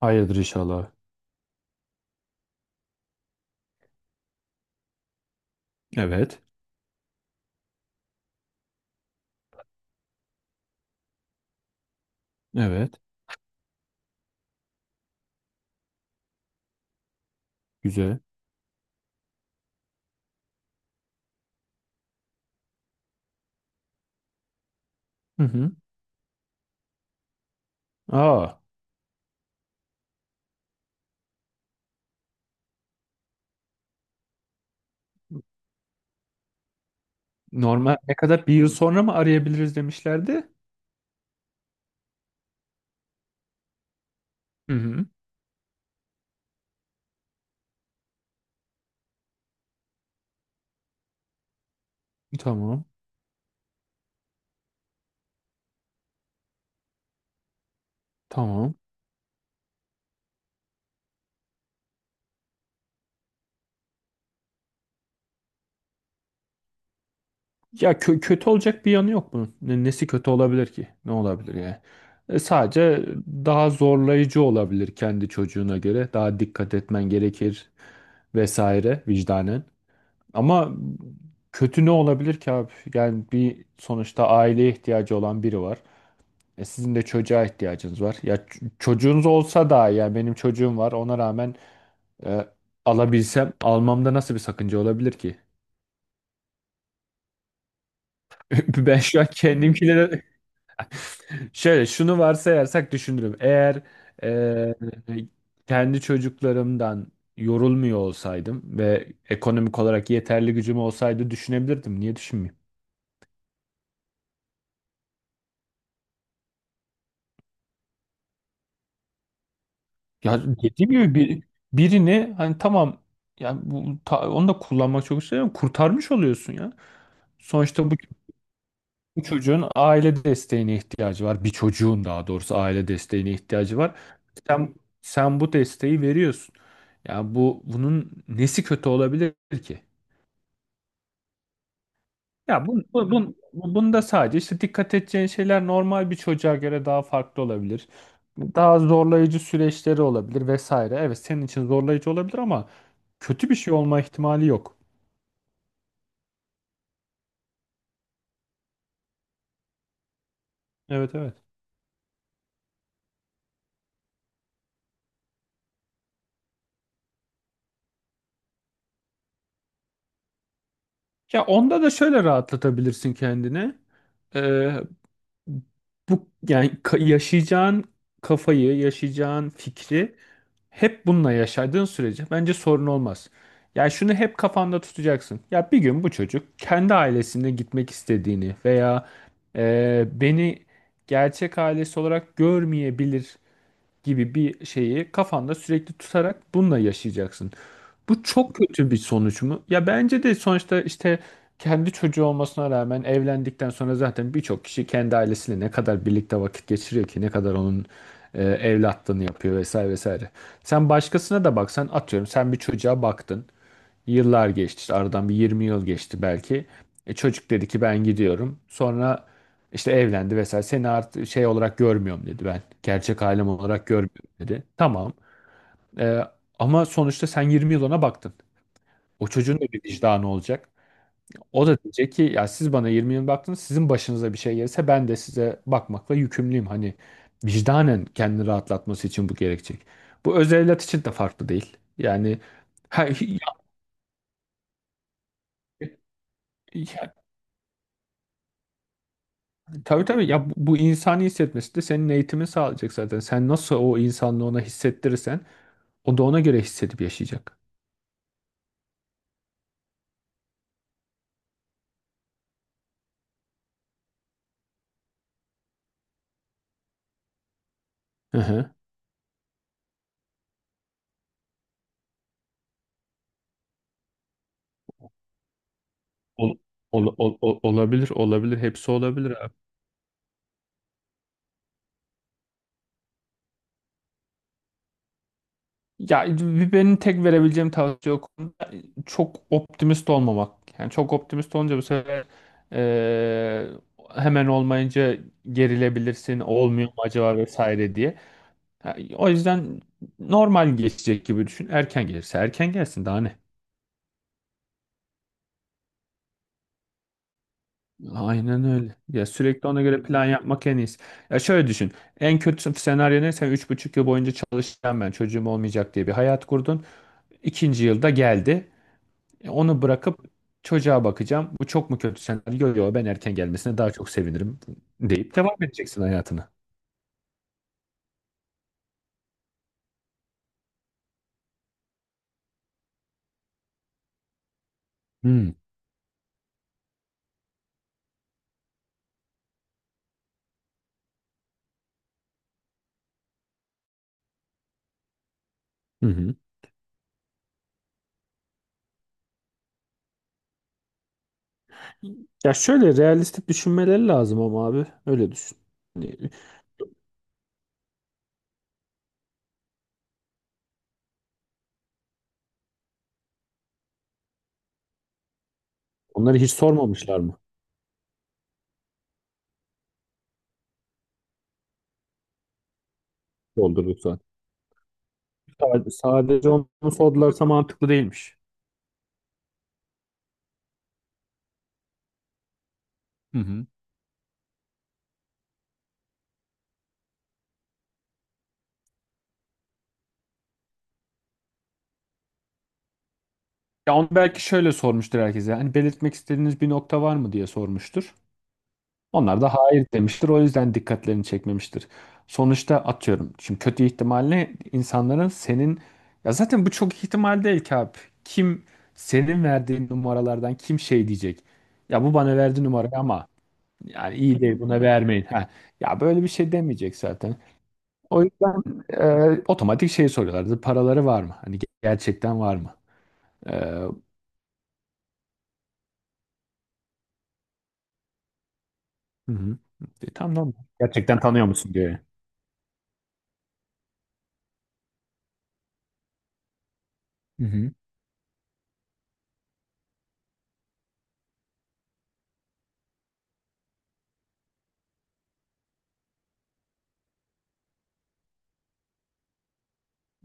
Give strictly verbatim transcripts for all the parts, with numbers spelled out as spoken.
Hayırdır inşallah. Evet. Evet. Güzel. Hı hı. Aa, normal ne kadar, bir yıl sonra mı arayabiliriz demişlerdi? Hı hı. Tamam. Tamam. Ya kö- kötü olacak bir yanı yok bunun. Ne- nesi kötü olabilir ki? Ne olabilir yani? E, sadece daha zorlayıcı olabilir kendi çocuğuna göre. Daha dikkat etmen gerekir vesaire, vicdanen. Ama kötü ne olabilir ki abi? Yani bir sonuçta aileye ihtiyacı olan biri var. E, sizin de çocuğa ihtiyacınız var. Ya ç- çocuğunuz olsa da, yani benim çocuğum var. Ona rağmen e, alabilsem, almamda nasıl bir sakınca olabilir ki? Ben şu an kendimkilere… Şöyle, şunu varsayarsak düşünürüm. Eğer e, kendi çocuklarımdan yorulmuyor olsaydım ve ekonomik olarak yeterli gücüm olsaydı, düşünebilirdim. Niye düşünmeyeyim? Ya dediğim gibi bir, birini hani, tamam, yani bu, ta- onu da kullanmak çok istiyorum. Kurtarmış oluyorsun ya. Sonuçta bu Bu çocuğun aile desteğine ihtiyacı var. Bir çocuğun, daha doğrusu, aile desteğine ihtiyacı var. Sen sen bu desteği veriyorsun. Ya bu bunun nesi kötü olabilir ki? Ya bun, bu, bun, bu- bunda sadece işte dikkat edeceğin şeyler normal bir çocuğa göre daha farklı olabilir. Daha zorlayıcı süreçleri olabilir vesaire. Evet, senin için zorlayıcı olabilir ama kötü bir şey olma ihtimali yok. Evet, evet. Ya onda da şöyle rahatlatabilirsin kendini. Ee, Bu, yani ka- yaşayacağın kafayı, yaşayacağın fikri, hep bununla yaşadığın sürece bence sorun olmaz. Yani şunu hep kafanda tutacaksın. Ya bir gün bu çocuk kendi ailesine gitmek istediğini veya e, beni gerçek ailesi olarak görmeyebilir gibi bir şeyi kafanda sürekli tutarak bununla yaşayacaksın. Bu çok kötü bir sonuç mu? Ya bence de, sonuçta işte kendi çocuğu olmasına rağmen evlendikten sonra zaten birçok kişi kendi ailesiyle ne kadar birlikte vakit geçiriyor ki, ne kadar onun e, evlatlığını yapıyor vesaire vesaire. Sen başkasına da baksan, atıyorum, sen bir çocuğa baktın. Yıllar geçti işte, aradan bir yirmi yıl geçti belki. E, çocuk dedi ki ben gidiyorum. Sonra işte evlendi vesaire. Seni artık şey olarak görmüyorum dedi, ben gerçek ailem olarak görmüyorum dedi. Tamam. E, Ama sonuçta sen yirmi yıl ona baktın. O çocuğun da bir vicdanı olacak. O da diyecek ki ya, siz bana yirmi yıl baktınız, sizin başınıza bir şey gelirse ben de size bakmakla yükümlüyüm. Hani vicdanen kendini rahatlatması için bu gerekecek. Bu öz evlat için de farklı değil. Yani ha, ya, ya- tabii tabii, ya bu, bu insani hissetmesi de senin eğitimin sağlayacak zaten. Sen nasıl o insanlığı ona hissettirirsen, o da ona göre hissedip yaşayacak. Hı hı. Ol, ol- ol- ol- olabilir, olabilir. Hepsi olabilir abi. Ya, bir benim tek verebileceğim tavsiye o konuda çok optimist olmamak. Yani çok optimist olunca bu sefer eee, hemen olmayınca gerilebilirsin, olmuyor mu acaba vesaire diye. Ha, o yüzden normal geçecek gibi düşün. Erken gelirse erken gelsin, daha ne? Aynen öyle. Ya sürekli ona göre plan yapmak en iyisi. Ya şöyle düşün. En kötü senaryo ne? Sen üç buçuk yıl boyunca çalışacağım ben, çocuğum olmayacak diye bir hayat kurdun. İkinci yılda geldi. E, Onu bırakıp çocuğa bakacağım. Bu çok mu kötü senaryo? Yok, ben erken gelmesine daha çok sevinirim deyip devam edeceksin hayatına. Hmm. Hı hı. Ya şöyle realistik düşünmeleri lazım ama abi. Öyle düşün. Hani… Onları hiç sormamışlar mı? Doldurduk zaten. Sadece sadece onu sordularsa mantıklı değilmiş. Hı hı. Ya onu belki şöyle sormuştur herkese. Hani belirtmek istediğiniz bir nokta var mı diye sormuştur. Onlar da hayır demiştir. O yüzden dikkatlerini çekmemiştir. Sonuçta, atıyorum, şimdi kötü ihtimalle insanların senin… Ya zaten bu çok ihtimal değil ki abi. Kim senin verdiğin numaralardan, kim şey diyecek? Ya bu bana verdi numarayı ama yani iyi değil, buna vermeyin. Ha. Ya böyle bir şey demeyecek zaten. O yüzden e, otomatik şey soruyorlardı. Paraları var mı? Hani gerçekten var mı? E, hı hı. E, tamam, tamam. Gerçekten tanıyor musun diye. Hı hı.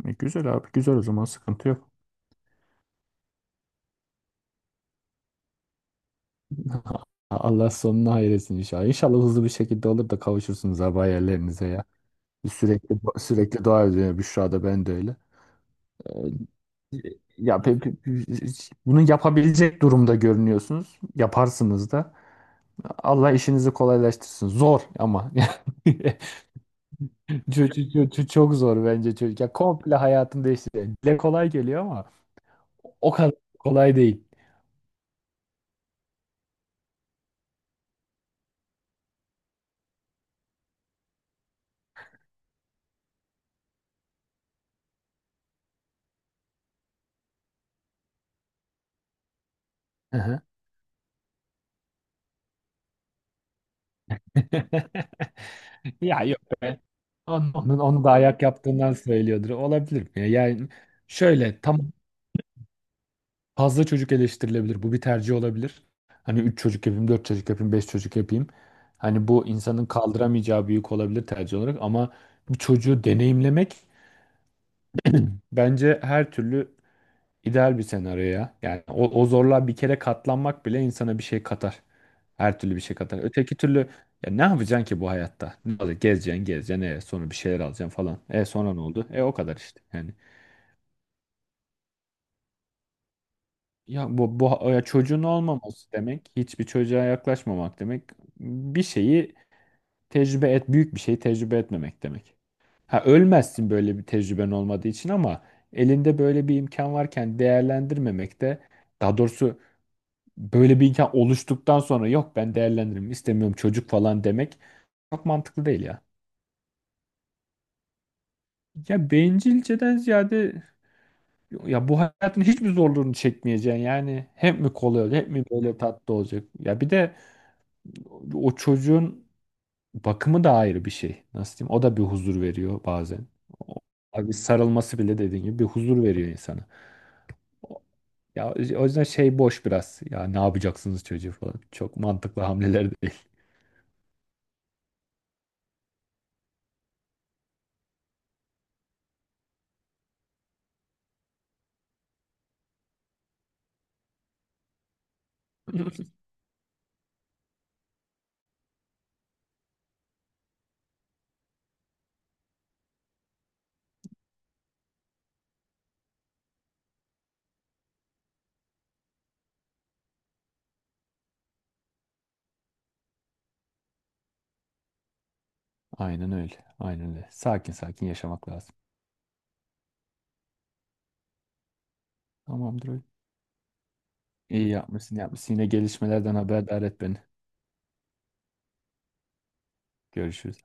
E, güzel abi, güzel, o zaman sıkıntı yok. Allah sonunu hayretsin inşallah. İnşallah hızlı bir şekilde olur da kavuşursunuz abi hayallerinize ya. Sürekli sürekli dua ediyor Büşra da, ben de öyle. Ee, Ya pe- pe- bunu yapabilecek durumda görünüyorsunuz. Yaparsınız da. Allah işinizi kolaylaştırsın. Zor ama. Çok, çok, çok çok zor bence, çocuk. Ya komple hayatını değiştiriyor. Dile kolay geliyor ama o kadar kolay değil. Hı hı. Ya yok be. Onun, onun, onu da ayak yaptığından söylüyordur. Olabilir mi ya? Yani şöyle, tam fazla çocuk eleştirilebilir. Bu bir tercih olabilir. Hani üç çocuk yapayım, dört çocuk yapayım, beş çocuk yapayım. Hani bu insanın kaldıramayacağı büyük olabilir tercih olarak ama bir çocuğu deneyimlemek bence her türlü ideal bir senaryo ya. Yani o, o zorluğa bir kere katlanmak bile insana bir şey katar. Her türlü bir şey katar. Öteki türlü ya ne yapacaksın ki bu hayatta? Ne olacak? Gezeceksin, gezeceksin. E, sonra bir şeyler alacaksın falan. E sonra ne oldu? E o kadar işte. Yani ya bu, bu ya çocuğun olmaması demek, hiçbir çocuğa yaklaşmamak demek. Bir şeyi tecrübe et, Büyük bir şeyi tecrübe etmemek demek. Ha, ölmezsin böyle bir tecrüben olmadığı için ama elinde böyle bir imkan varken değerlendirmemek de, daha doğrusu, böyle bir imkan oluştuktan sonra yok, ben değerlendiririm, istemiyorum çocuk falan demek, çok mantıklı değil ya. Ya bencilceden ziyade, ya bu hayatın hiçbir zorluğunu çekmeyeceksin, yani hep mi kolay olacak, hep mi böyle tatlı olacak? Ya bir de o çocuğun bakımı da ayrı bir şey, nasıl diyeyim, o da bir huzur veriyor bazen. O- Abi, sarılması bile, dediğin gibi, bir huzur veriyor insana. O- Ya, o yüzden şey, boş biraz. Ya ne yapacaksınız çocuğu falan. Çok mantıklı hamleler değil. Aynen öyle. Aynen öyle. Sakin sakin yaşamak lazım. Tamamdır öyle. İyi yapmışsın, yapmışsın. Yine gelişmelerden haberdar et beni. Görüşürüz.